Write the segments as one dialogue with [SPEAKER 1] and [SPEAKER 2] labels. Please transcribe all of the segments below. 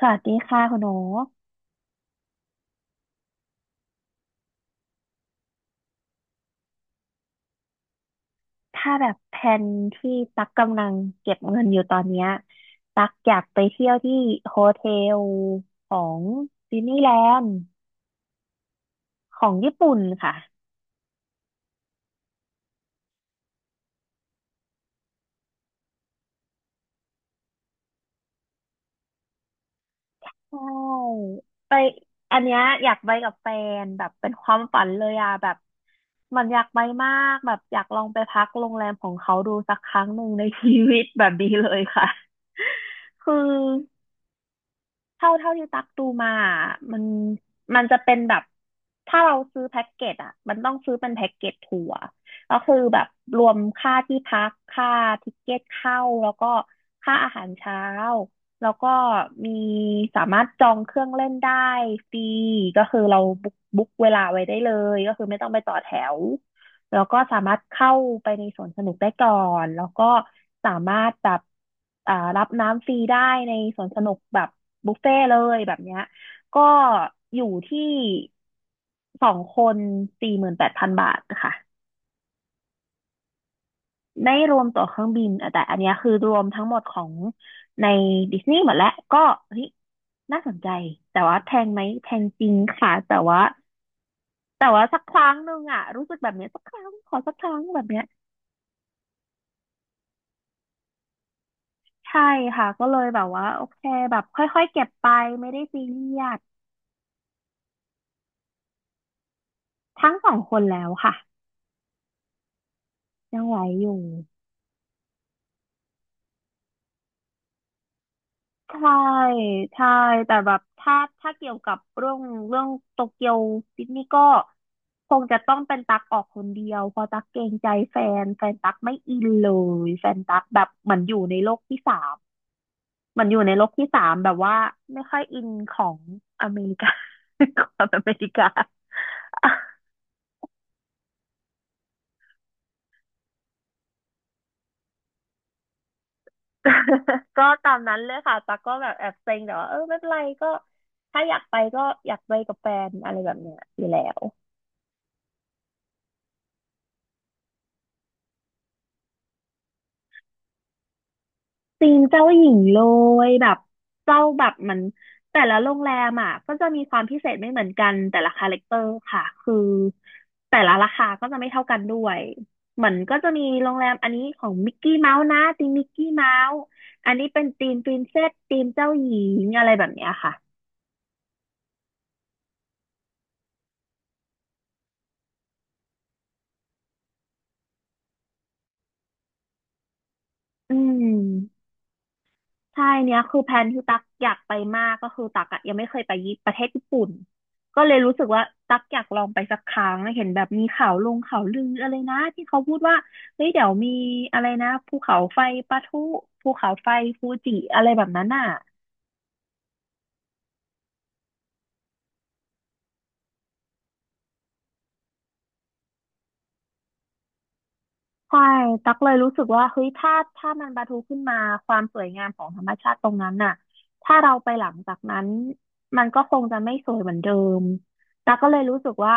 [SPEAKER 1] สวัสดีค่ะคุณโอ๊คถ้าแบบแผนที่ตักกำลังเก็บเงินอยู่ตอนเนี้ยตักอยากไปเที่ยวที่โฮเทลของดิสนีย์แลนด์ของญี่ปุ่นค่ะใช่ไปอันเนี้ยอยากไปกับแฟนแบบเป็นความฝันเลยอะแบบมันอยากไปมากแบบอยากลองไปพักโรงแรมของเขาดูสักครั้งหนึ่งในชีวิตแบบนี้เลยค่ะคือ เท่าที่ตักดูมาอะมันจะเป็นแบบถ้าเราซื้อแพ็กเกจอ่ะมันต้องซื้อเป็นแพ็กเกจทัวร์ก็คือแบบรวมค่าที่พักค่าทิเก็ตเข้าแล้วก็ค่าอาหารเช้าแล้วก็มีสามารถจองเครื่องเล่นได้ฟรีก็คือเราบุ๊กเวลาไว้ได้เลยก็คือไม่ต้องไปต่อแถว แล้วก็สามารถเข้าไปในสวนสนุกได้ก่อน แล้วก็สามารถแบบรับน้ำฟรีได้ในสวนสนุกแบบบุฟเฟ่ต์เลยแบบเนี้ยก็อยู่ที่สองคน48,000 บาทค่ะไม่รวมตั๋วเครื่องบินอ่ะแต่อันเนี้ยคือรวมทั้งหมดของในดิสนีย์หมดแล้วก็เฮ้ยน่าสนใจแต่ว่าแพงไหมแพงจริงค่ะแต่ว่าแต่ว่าสักครั้งหนึ่งอ่ะรู้สึกแบบเนี้ยสักครั้งขอสักครั้งแบบเนี้ย ใช่ค่ะก็เลยแบบว่าโอเคแบบค่อยๆเก็บไปไม่ได้ซีเรียสทั้งสองคนแล้วค่ะยังไหวอยู่ใช่ใช่แต่แบบถ้าเกี่ยวกับเรื่องโตเกียวดิสนีย์ก็คงจะต้องเป็นตักออกคนเดียวเพราะตักเกรงใจแฟนตักไม่อินเลยแฟนตักแบบเหมือนอยู่ในโลกที่สามเหมือนอยู่ในโลกที่สามแบบว่าไม่ค่อยอินของอเมริกา ความอเมริกา ก็ตามนั้นเลยค่ะตั๊กก็แบบแอบเซ็งแต่ว่าเออไม่เป็นไรก็ถ้าอยากไปก็อยากไปกับแฟนอะไรแบบเนี้ยอยู่แล้วธีมเจ้าหญิงเลยแบบเจ้าแบบเหมันแต่ละโรงแรมอ่ะก็จะมีความพิเศษไม่เหมือนกันแต่ละคาแรคเตอร์ค่ะคือแต่ละราคาก็จะไม่เท่ากันด้วยเหมือนก็จะมีโรงแรมอันนี้ของมิกกี้เมาส์นะธีมมิกกี้เมาส์อันนี้เป็นธีมปรินเซสธีมเจ้าหญิงอะไรแบบเนี้ยค่ะอืม ใช่เนี้ยคือแผนที่ตักอยากไปมากก็คือตักอะยังไม่เคยไปญี่ประเทศญี่ปุ่นก็เลยรู้สึกว่าตักอยากลองไปสักครั้งเห็นแบบมีข่าวลงข่าวลืออะไรนะที่เขาพูดว่าเฮ้ยเดี๋ยวมีอะไรนะภูเขาไฟปะทุภูเขาไฟฟูจิอะไรแบบนั้นอ่ะ ใช่ตักเลยรู้สึกว่าเฮ้ยถ้ามันปะทุขึ้นมาความสวยงามของธรรมชาติตรงนั้นน่ะถ้าเราไปหลังจากนั้นมันก็คงจะไม่สวยเหมือนเดิมตักก็เลยรู้สึกว่า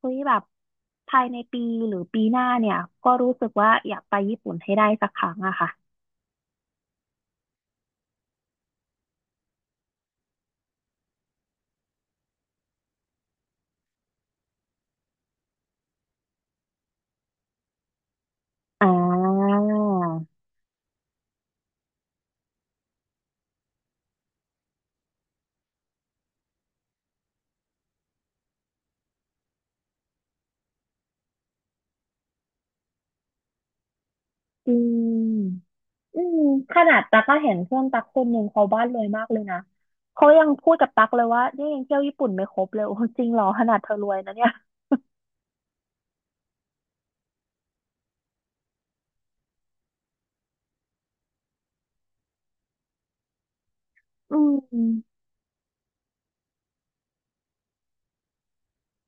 [SPEAKER 1] เฮ้ยแบบภายในปีหรือปีหน้าเนี่ยก็รู้สึกว่าอยากไปญี่ปุ่นให้ได้สักครั้งอะค่ะอ่าจริงอืมขนาดตักก็เห็นเพื่อนตักคนหนึ่งเขาบ้านรวยมากเลยนะเขายังพูดกับตักเลยว่าเนี่ยยังเที่ยวญี่ปุ่นไม่ครบเลยโอ้จริงเหรอขนาดเธอรวยนะเนี่ยอืม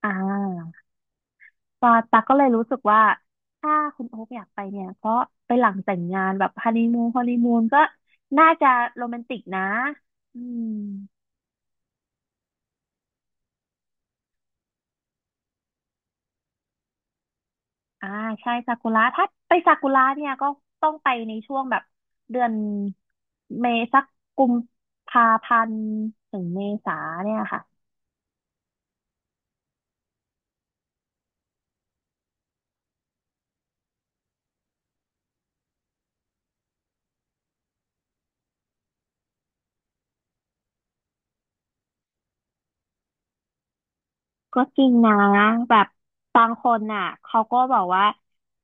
[SPEAKER 1] อ่าปาตักก็เลยรู้สึกว่า ถ้าคุณโอ๊คอยากไปเนี่ยก็ไปหลังแต่งงานแบบฮันนีมูนฮันนีมูนก็น่าจะโรแมนติกนะอืมอ่า ใช่ซากุระถ้าไปซากุระเนี่ย ก็ต้องไปในช่วงแบบเดือนเมษาสักกุมภาพันธ์ถึงเมษาเนี่ยค่ะ ก็จริงนะแบบบางคนน่ะเขาก็บอกว่า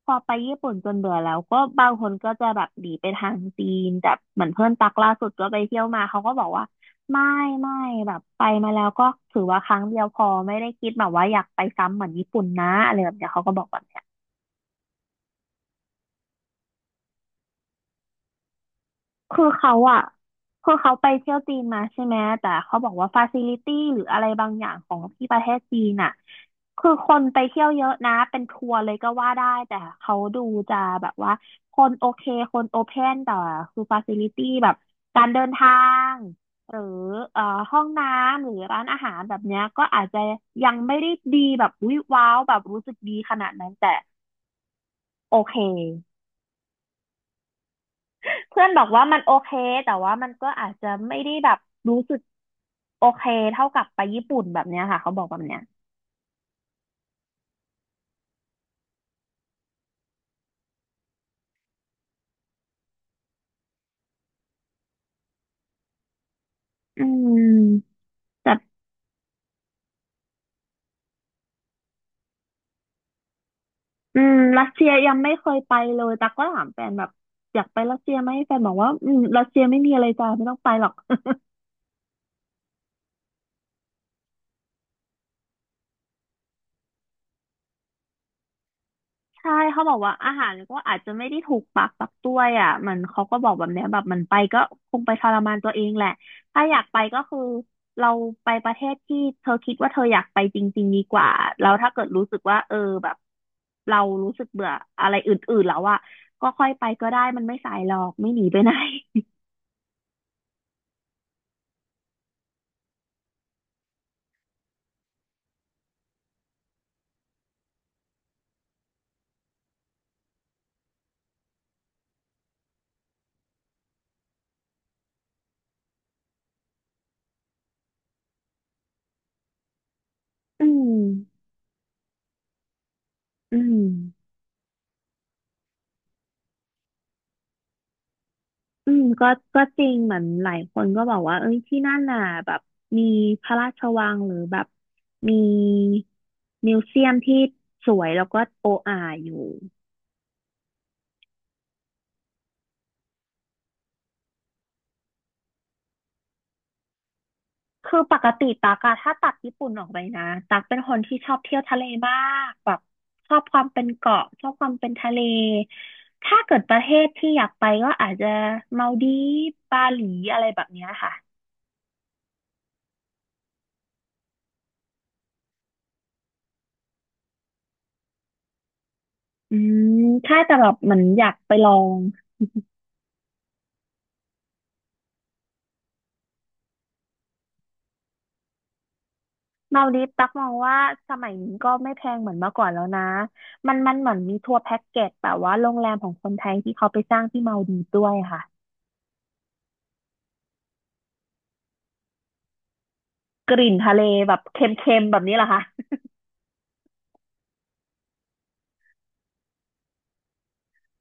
[SPEAKER 1] พอไปญี่ปุ่นจนเบื่อแล้วก็บางคนก็จะแบบหนีไปทางจีนแต่เหมือนเพื่อนตักล่าสุดก็ไปเที่ยวมาเขาก็บอกว่าไม่ไม่แบบไปมาแล้วก็ถือว่าครั้งเดียวพอไม่ได้คิดแบบว่าอยากไปซ้ำเหมือนญี่ปุ่นนะอะไรแบบเนี้ยเขาก็บอกแบบเนี้ย คือเขาอะคือเขาไปเที่ยวจีนมาใช่ไหมแต่เขาบอกว่าฟาซิลิตี้หรืออะไรบางอย่างของที่ประเทศจีนอะคือคนไปเที่ยวเยอะนะเป็นทัวร์เลยก็ว่าได้แต่เขาดูจะแบบว่าคนโอเคคนโอเพนแต่คือฟาซิลิตี้แบบการเดินทางหรือเอ่อห้องน้ำหรือร้านอาหารแบบเนี้ยก็อาจจะยังไม่ได้ดีแบบวิวว้าวแบบรู้สึกดีขนาดนั้นแต่โอเค เพื่อนบอกว่ามันโอเคแต่ว่ามันก็อาจจะไม่ได้แบบรู้สึกโอเคเท่ากับไปญี่ปุ่นแบบเนี้ยค่ะเขาบอกแบบเนี้ยอืมแต่อืมรัสเซียยังไม่เคยไปเลยแต่ก็ถามแฟนแบบอยากไปรัสเซียไหมแฟนบอกว่ารัสเซียไม่มีอะไรจ้าไม่ต้องไปหรอก ใช่เขาบอกว่าอาหารก็อาจจะไม่ได้ถูกปากปักต้วยอ่ะมันเขาก็บอกแบบเนี้ยแบบมันไปก็คงไปทรมานตัวเองแหละถ้าอยากไปก็คือเราไปประเทศที่เธอคิดว่าเธออยากไปจริงๆดีกว่าแล้วถ้าเกิดรู้สึกว่าแบบเรารู้สึกเบื่ออะไรอื่นๆแล้วอ่ะก็ค่อยไปก็ได้มันไม่สายหรอกไม่หนีไปไหน อืมอืม อืมก็จริงเหมือนหลายคนก็บอกว่าเอ้ยที่นั่นน่ะแบบมีพระราชวังหรือแบบมีมิวเซียมที่สวยแล้วก็โออาอยู่คือปกติตักอะถ้าตัดญี่ปุ่นออกไปนะตักเป็นคนที่ชอบเที่ยวทะเลมากแบบชอบความเป็นเกาะชอบความเป็นทะเลถ้าเกิดประเทศที่อยากไปก็อาจจะมาลดีฟบาหลีอะไรแบบเนี้ยค่ะอืมใช่แต่แบบเหมือนอยากไปลอง มาลดีฟตักมองว่าสมัยนี้ก็ไม่แพงเหมือนเมื่อก่อนแล้วนะมันเหมือนมีทัวร์แพ็กเกจแบบว่าโรงแรมของคนไทยที่เขาไปสร้างที่มาลดีฟด้วยค่ะกลิ่นทะเลแบบเค็มๆแบบนี้เหรอคะ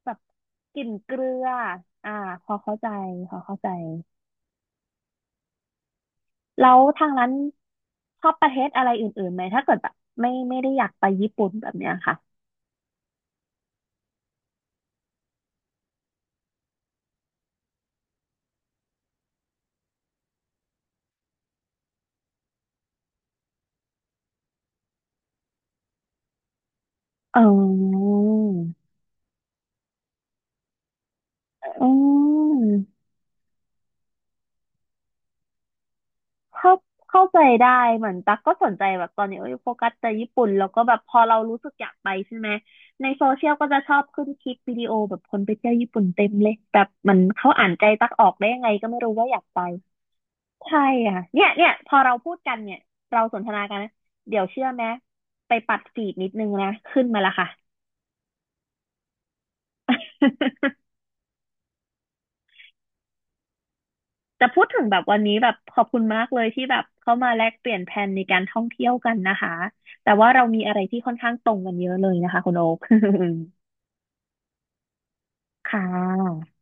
[SPEAKER 1] แบบกลิ่นเกลืออ่าพอเข้าใจพอเข้าใจแล้วทางนั้นชอบประเทศอะไรอื่นๆไหมถ้าเกิดแบบไม่ได้อยากไปญี่ปุ่นแบบเนี้ยค่ะเอออืม เข้าเข้าใจได้เหมือนตั๊กก็สนใจแบบตอนนี้เอ้ยโฟกัสแต่ญี่ปุ่นแล้วก็แบบพอเรารู้สึกอยากไปใช่ไหมในโซเชียลก็จะชอบขึ้นคลิปวิดีโอแบบคนไปเที่ยวญี่ปุ่นเต็มเลยแบบมันเขาอ่านใจตั๊กออกได้ยังไงก็ไม่รู้ว่าอยากไปใช่ค่ะเนี่ยเนี่ยพอเราพูดกันเนี่ยเราสนทนากันนะเดี๋ยวเชื่อไหมไปปัดฟีดนิดนึงนะขึ้นมาละค่ะ แต่พูดถึงแบบวันนี้แบบขอบคุณมากเลยที่แบบเข้ามาแลกเปลี่ยนแผนในการท่องเที่ยวกันนะคะแต่ว่าเรามีอะไรที่ค่อนข้างตรงกันเยอะเลยนะคะคุณโอ๊ค ค่ะ